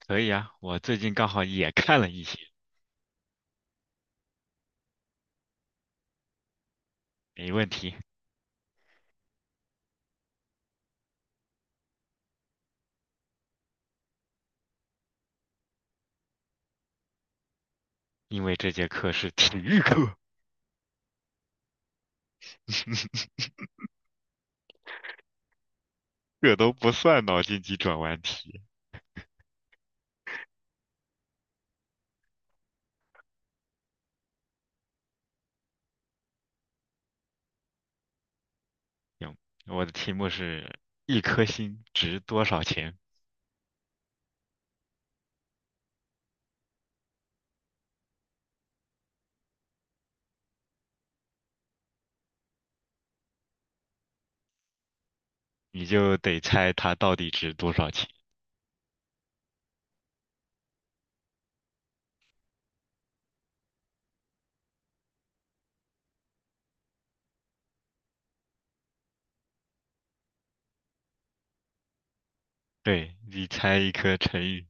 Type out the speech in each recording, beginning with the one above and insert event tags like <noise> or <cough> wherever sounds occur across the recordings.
可以啊，我最近刚好也看了一些，没问题，因为这节课是体育课，<laughs> 这都不算脑筋急转弯题。行，我的题目是一颗星值多少钱，你就得猜它到底值多少钱。对，你猜一颗成语，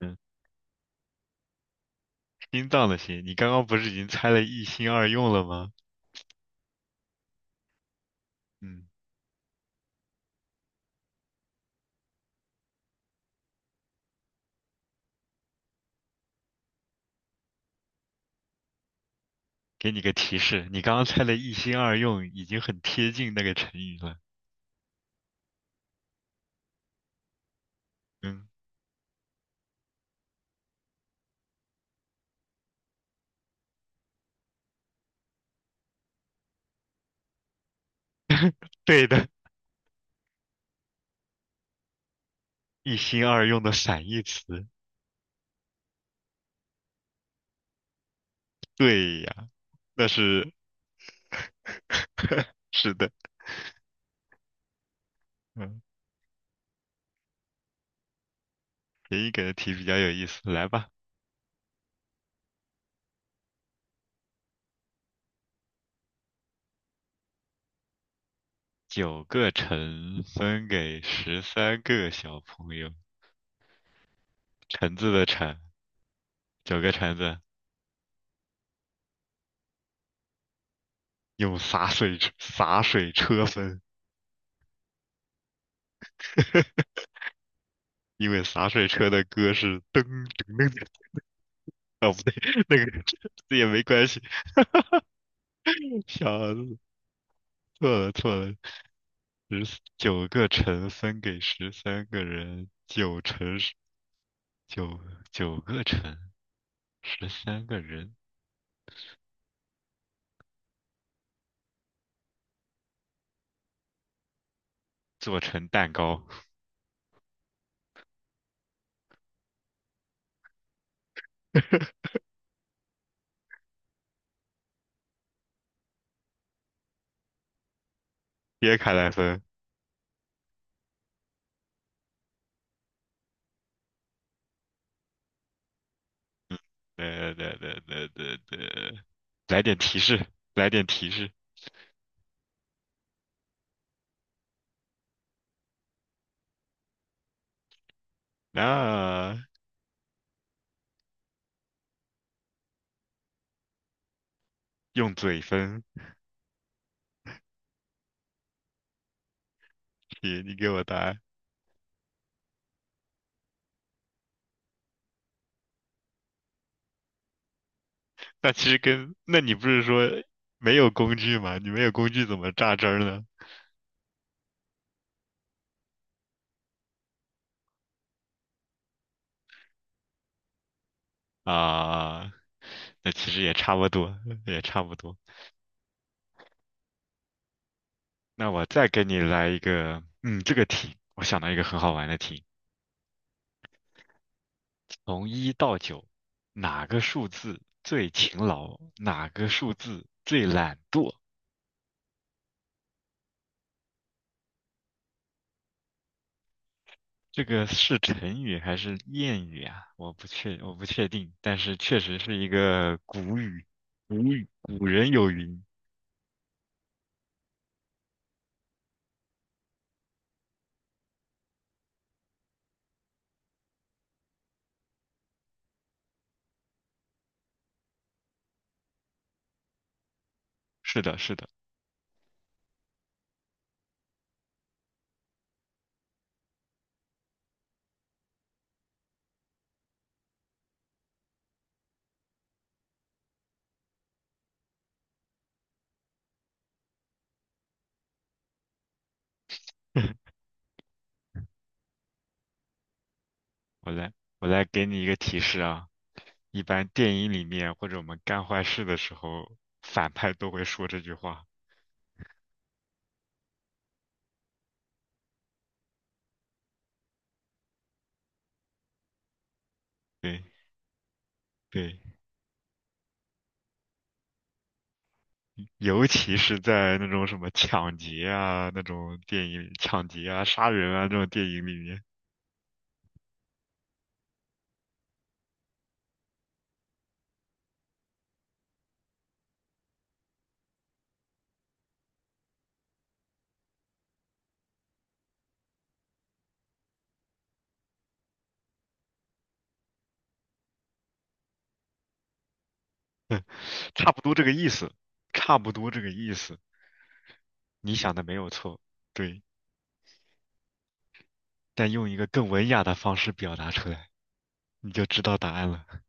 嗯，心脏的心，你刚刚不是已经猜了一心二用了吗？嗯，给你个提示，你刚刚猜了一心二用，已经很贴近那个成语了。嗯，对的，一心二用的反义词。<laughs> 对呀，那是 <laughs> 是的，嗯，给你给的题比较有意思，来吧。九个橙分给十三个小朋友，橙子的橙，九个橙子用洒水车分，<laughs> 因为洒水车的歌是噔噔噔噔，那个这也没关系。小子，错了错了，十九个橙分给十三个人，九九个橙，十三个人。做成蛋糕，<laughs> 切开来分。嗯，对对对对对对，来点提示，来点提示。那、用嘴分，你给我答案。那其实跟，那你不是说没有工具吗？你没有工具怎么榨汁儿呢？啊，那其实也差不多，也差不多。那我再给你来一个，嗯，这个题，我想到一个很好玩的题。从一到九，哪个数字最勤劳，哪个数字最懒惰？这个是成语还是谚语啊？我不确定，但是确实是一个古语，古语，古人有云。是的，是的。<laughs> 我来，我来给你一个提示啊。一般电影里面或者我们干坏事的时候，反派都会说这句话。对，对。尤其是在那种什么抢劫啊那种电影里抢劫啊、杀人啊这种电影里面，<laughs> 差不多这个意思，差不多这个意思。你想的没有错，对，但用一个更文雅的方式表达出来，你就知道答案了。<laughs>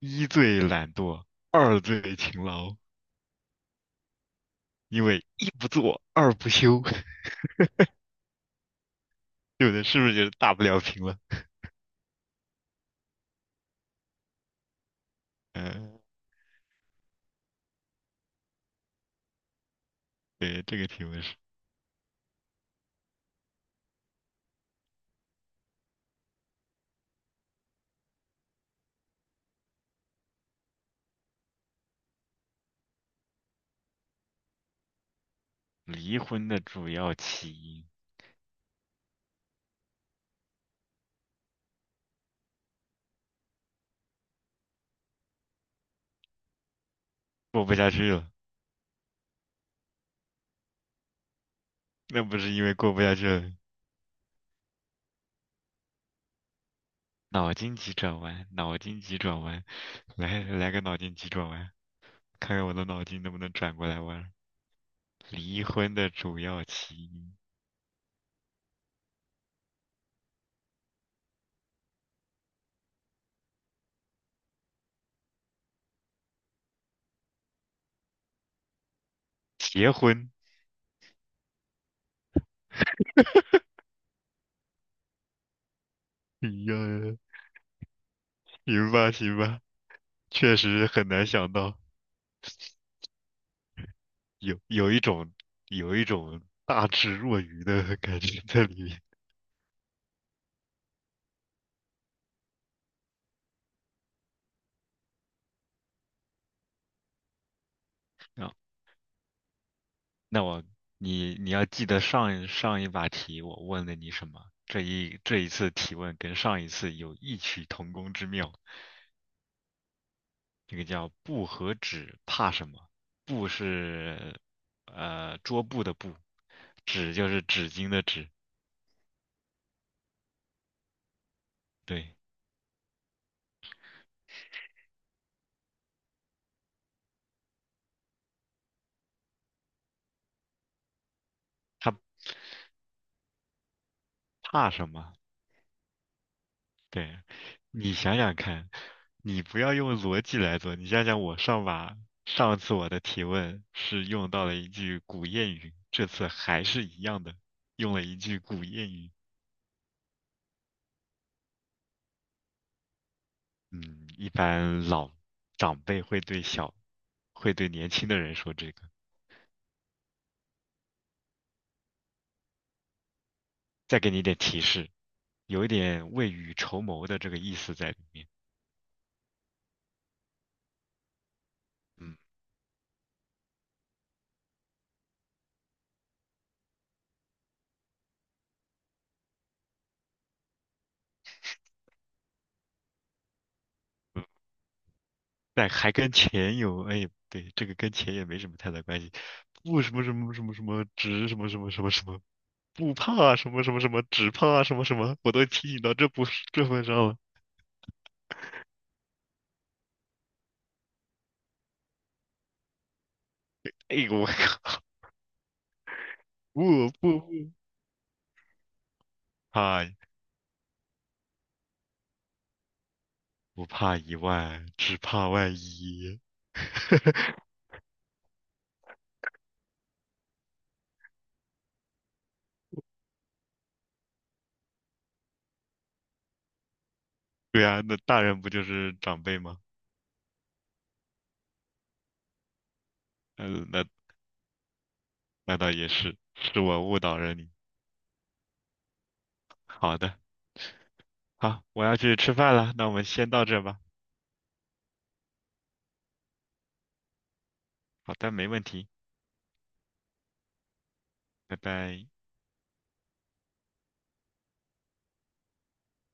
一最懒惰，二最勤劳，因为一不做二不休。<laughs> 对不对？是不是就是大不了平了？嗯，对，这个题目是离婚的主要起因，过不下去了，那不是因为过不下去了。脑筋急转弯，脑筋急转弯，来来个脑筋急转弯，看看我的脑筋能不能转过来弯儿。离婚的主要起因，结婚。哎呀，行吧行吧，确实很难想到，有一种有一种大智若愚的感觉在里面。啊，那我你要记得上一把题我问了你什么，这一次提问跟上一次有异曲同工之妙。这个叫布和纸怕什么？布是桌布的布，纸就是纸巾的纸。对，它怕什么？对，你想想看，你不要用逻辑来做，你想想我上次我的提问是用到了一句古谚语，这次还是一样的，用了一句古谚语。嗯，一般老长辈会对小，会对年轻的人说这个。再给你一点提示。有一点未雨绸缪的这个意思在里面。嗯，但还跟钱有，哎，对，这个跟钱也没什么太大关系。不什么什么什么什么，只什么什么什么什么，不怕什么什么什么，只怕什么什么，我都提醒到这份上了。哎呦我靠！<laughs> 不不不，怕不怕一万，只怕万一。<laughs> 对啊，那大人不就是长辈吗？嗯，那倒也是，是我误导了你。好的。好，我要去吃饭了，那我们先到这吧。好的，没问题，拜拜。